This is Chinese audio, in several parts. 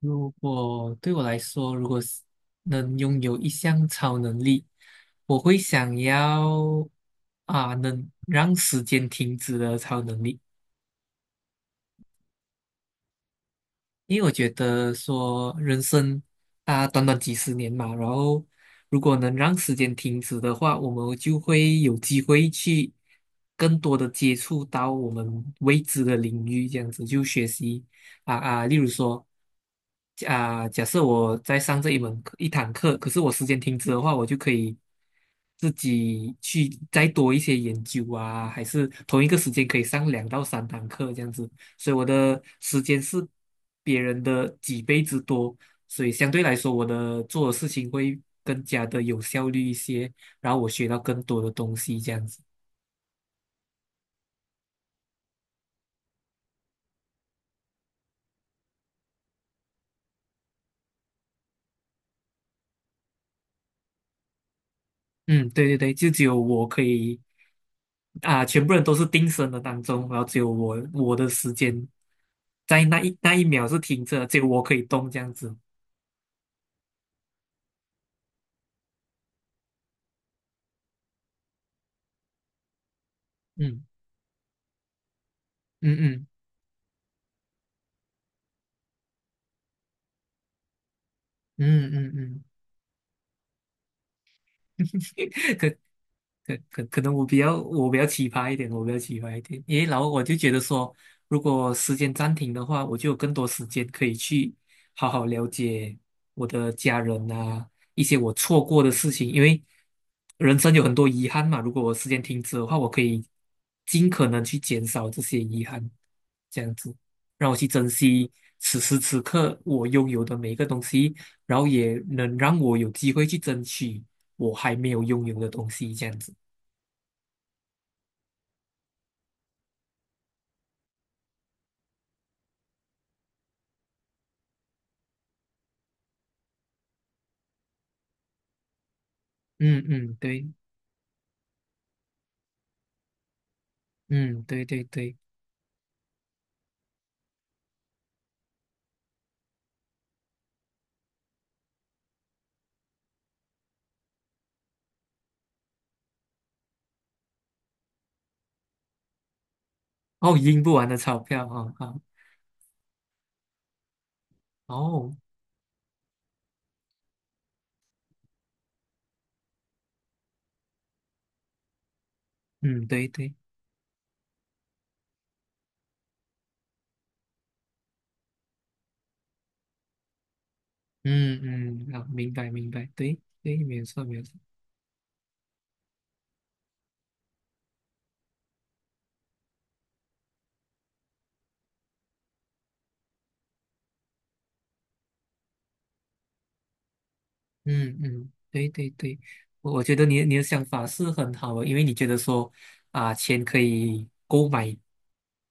如果对我来说，如果是能拥有一项超能力，我会想要能让时间停止的超能力。因为我觉得说人生啊，短短几十年嘛，然后如果能让时间停止的话，我们就会有机会去更多的接触到我们未知的领域，这样子就学习，例如说。假设我在上这一门课一堂课，可是我时间停止的话，我就可以自己去再多一些研究啊，还是同一个时间可以上两到三堂课这样子。所以我的时间是别人的几倍之多，所以相对来说，我的做的事情会更加的有效率一些，然后我学到更多的东西这样子。嗯，对对对，就只有我可以全部人都是定身的当中，然后只有我的时间在那一秒是停着，只有我可以动这样子。嗯嗯嗯嗯嗯嗯。可可能我比较奇葩一点，我比较奇葩一点，因为然后我就觉得说，如果时间暂停的话，我就有更多时间可以去好好了解我的家人啊，一些我错过的事情。因为人生有很多遗憾嘛，如果我时间停止的话，我可以尽可能去减少这些遗憾，这样子让我去珍惜此时此刻我拥有的每一个东西，然后也能让我有机会去争取我还没有拥有的东西，这样子。嗯嗯，对。嗯，对对对。哦，赢不完的钞票哦，好。哦。嗯，对对。嗯嗯。啊，明白明白，对对，没有错没有错。嗯嗯，对对对，我觉得你的想法是很好的，因为你觉得说啊，钱可以购买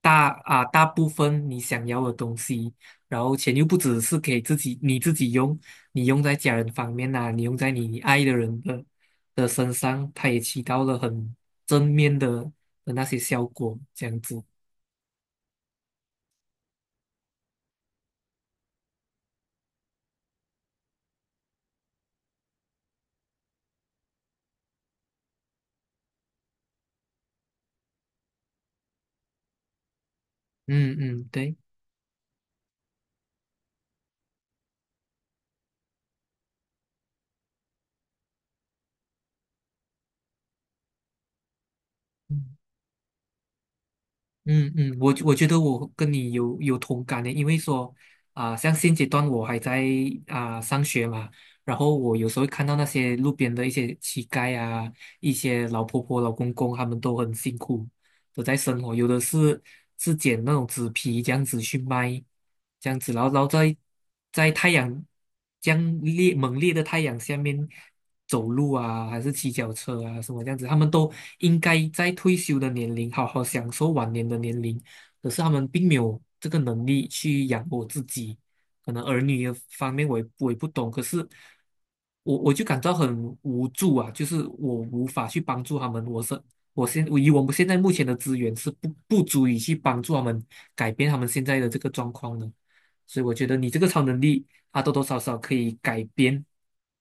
大部分你想要的东西，然后钱又不只是给自己你自己用，你用在家人方面呐、你用在你爱的人的身上，它也起到了很正面的那些效果，这样子。嗯嗯，对。嗯嗯嗯，我觉得我跟你有同感的，因为说像现阶段我还在上学嘛。然后我有时候会看到那些路边的一些乞丐啊，一些老婆婆、老公公，他们都很辛苦，都在生活，有的是捡那种纸皮这样子去卖。这样子，然后在太阳这样烈猛烈的太阳下面走路啊，还是骑脚车啊什么这样子。他们都应该在退休的年龄好好享受晚年的年龄，可是他们并没有这个能力去养活自己。可能儿女的方面我也不懂，可是。我就感到很无助啊，就是我无法去帮助他们。我是我现我以我们现在目前的资源是不足以去帮助他们改变他们现在的这个状况的。所以我觉得你这个超能力，多多少少可以改变，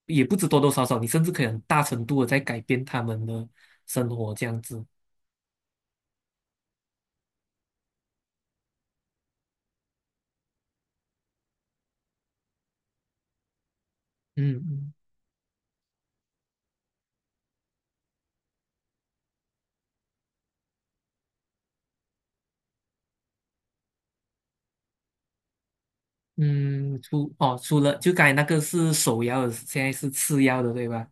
也不止多多少少，你甚至可以很大程度的在改变他们的生活这样子。嗯嗯嗯，除了就刚才那个是首要的，现在是次要的，对吧？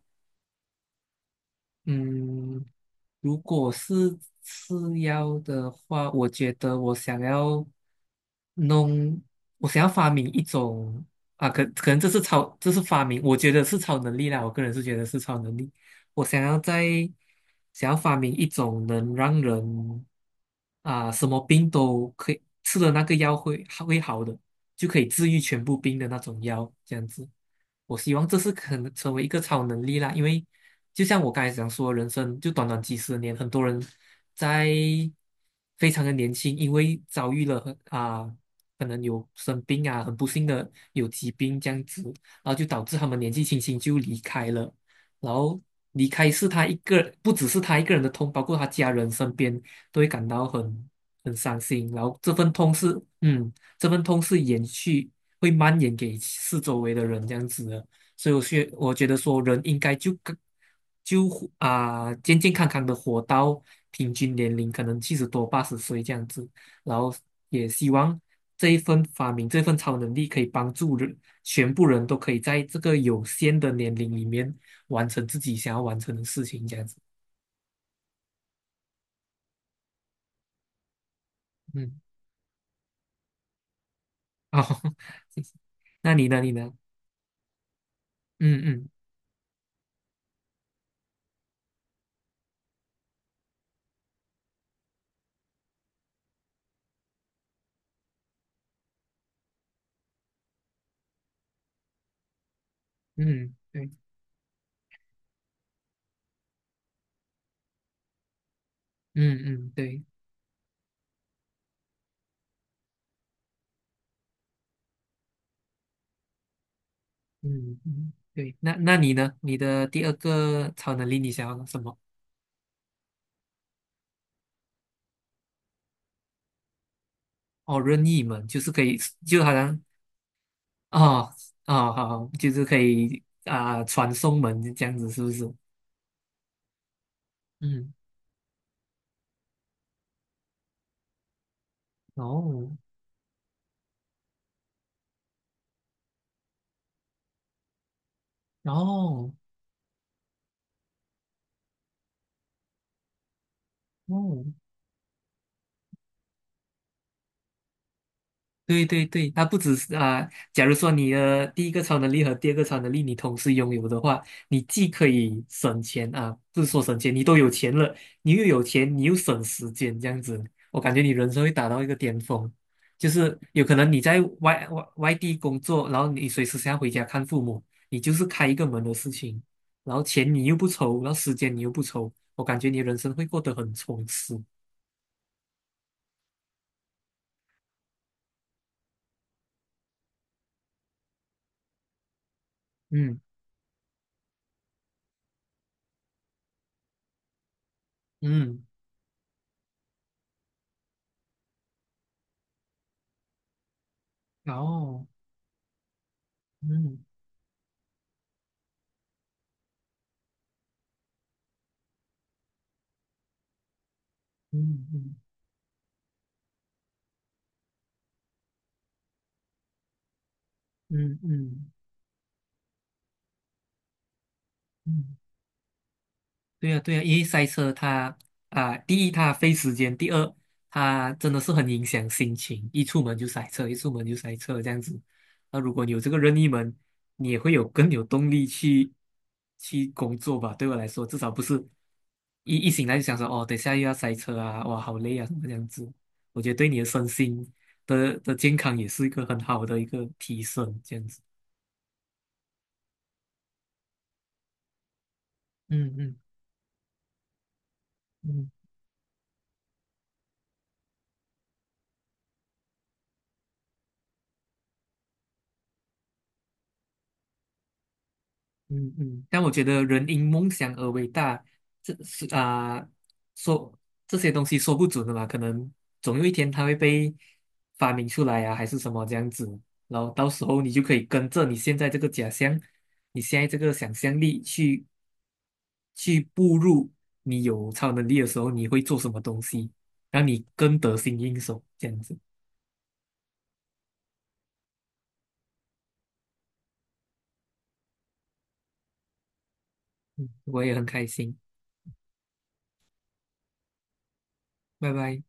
嗯，如果是次要的话，我觉得弄，我想要发明一种可能这是发明，我觉得是超能力啦。我个人是觉得是超能力。我想要在想要发明一种能让人什么病都可以吃的那个药会好的，就可以治愈全部病的那种药，这样子。我希望这是可能成为一个超能力啦，因为就像我刚才讲说，人生就短短几十年。很多人在非常的年轻，因为遭遇了可能有生病啊，很不幸的有疾病这样子，然后就导致他们年纪轻轻就离开了。然后离开是他一个，不只是他一个人的痛，包括他家人身边都会感到很伤心，然后这份痛是延续，会蔓延给四周围的人这样子的。所以我觉得说人应该就跟就健健康康的活到平均年龄，可能七十多八十岁这样子，然后也希望这一份发明这份超能力可以帮助人全部人都可以在这个有限的年龄里面完成自己想要完成的事情，这样子。嗯。哦。谢谢。那你呢？你呢？嗯嗯嗯，对。嗯嗯，对。嗯嗯，对。那你呢？你的第二个超能力你想要什么？哦，任意门就是可以。就好像。哦。哦好，就是可以啊、传送门这样子，是不是？嗯。哦。哦。哦，对对对，它不只是啊、假如说你的第一个超能力和第二个超能力你同时拥有的话，你既可以省钱啊，不是说省钱，你都有钱了，你又有钱，你又省时间，这样子，我感觉你人生会达到一个巅峰。就是有可能你在外地工作，然后你随时想要回家看父母，你就是开一个门的事情，然后钱你又不愁，然后时间你又不愁，我感觉你人生会过得很充实。嗯嗯，然后嗯嗯嗯。嗯嗯嗯，对呀对呀，因为塞车它啊，第一它费时间，第二它真的是很影响心情，一出门就塞车，一出门就塞车这样子。那如果你有这个任意门，你也会有更有动力去工作吧？对我来说，至少不是一醒来就想说哦，等下又要塞车啊，哇，好累啊，什么这样子。我觉得对你的身心的健康也是一个很好的一个提升，这样子。嗯嗯嗯。嗯嗯，但我觉得人因梦想而伟大，这是说这些东西说不准的嘛，可能总有一天它会被发明出来啊，还是什么这样子。然后到时候你就可以跟着你现在这个假象，你现在这个想象力去步入你有超能力的时候，你会做什么东西，让你更得心应手，这样子。我也很开心，拜拜。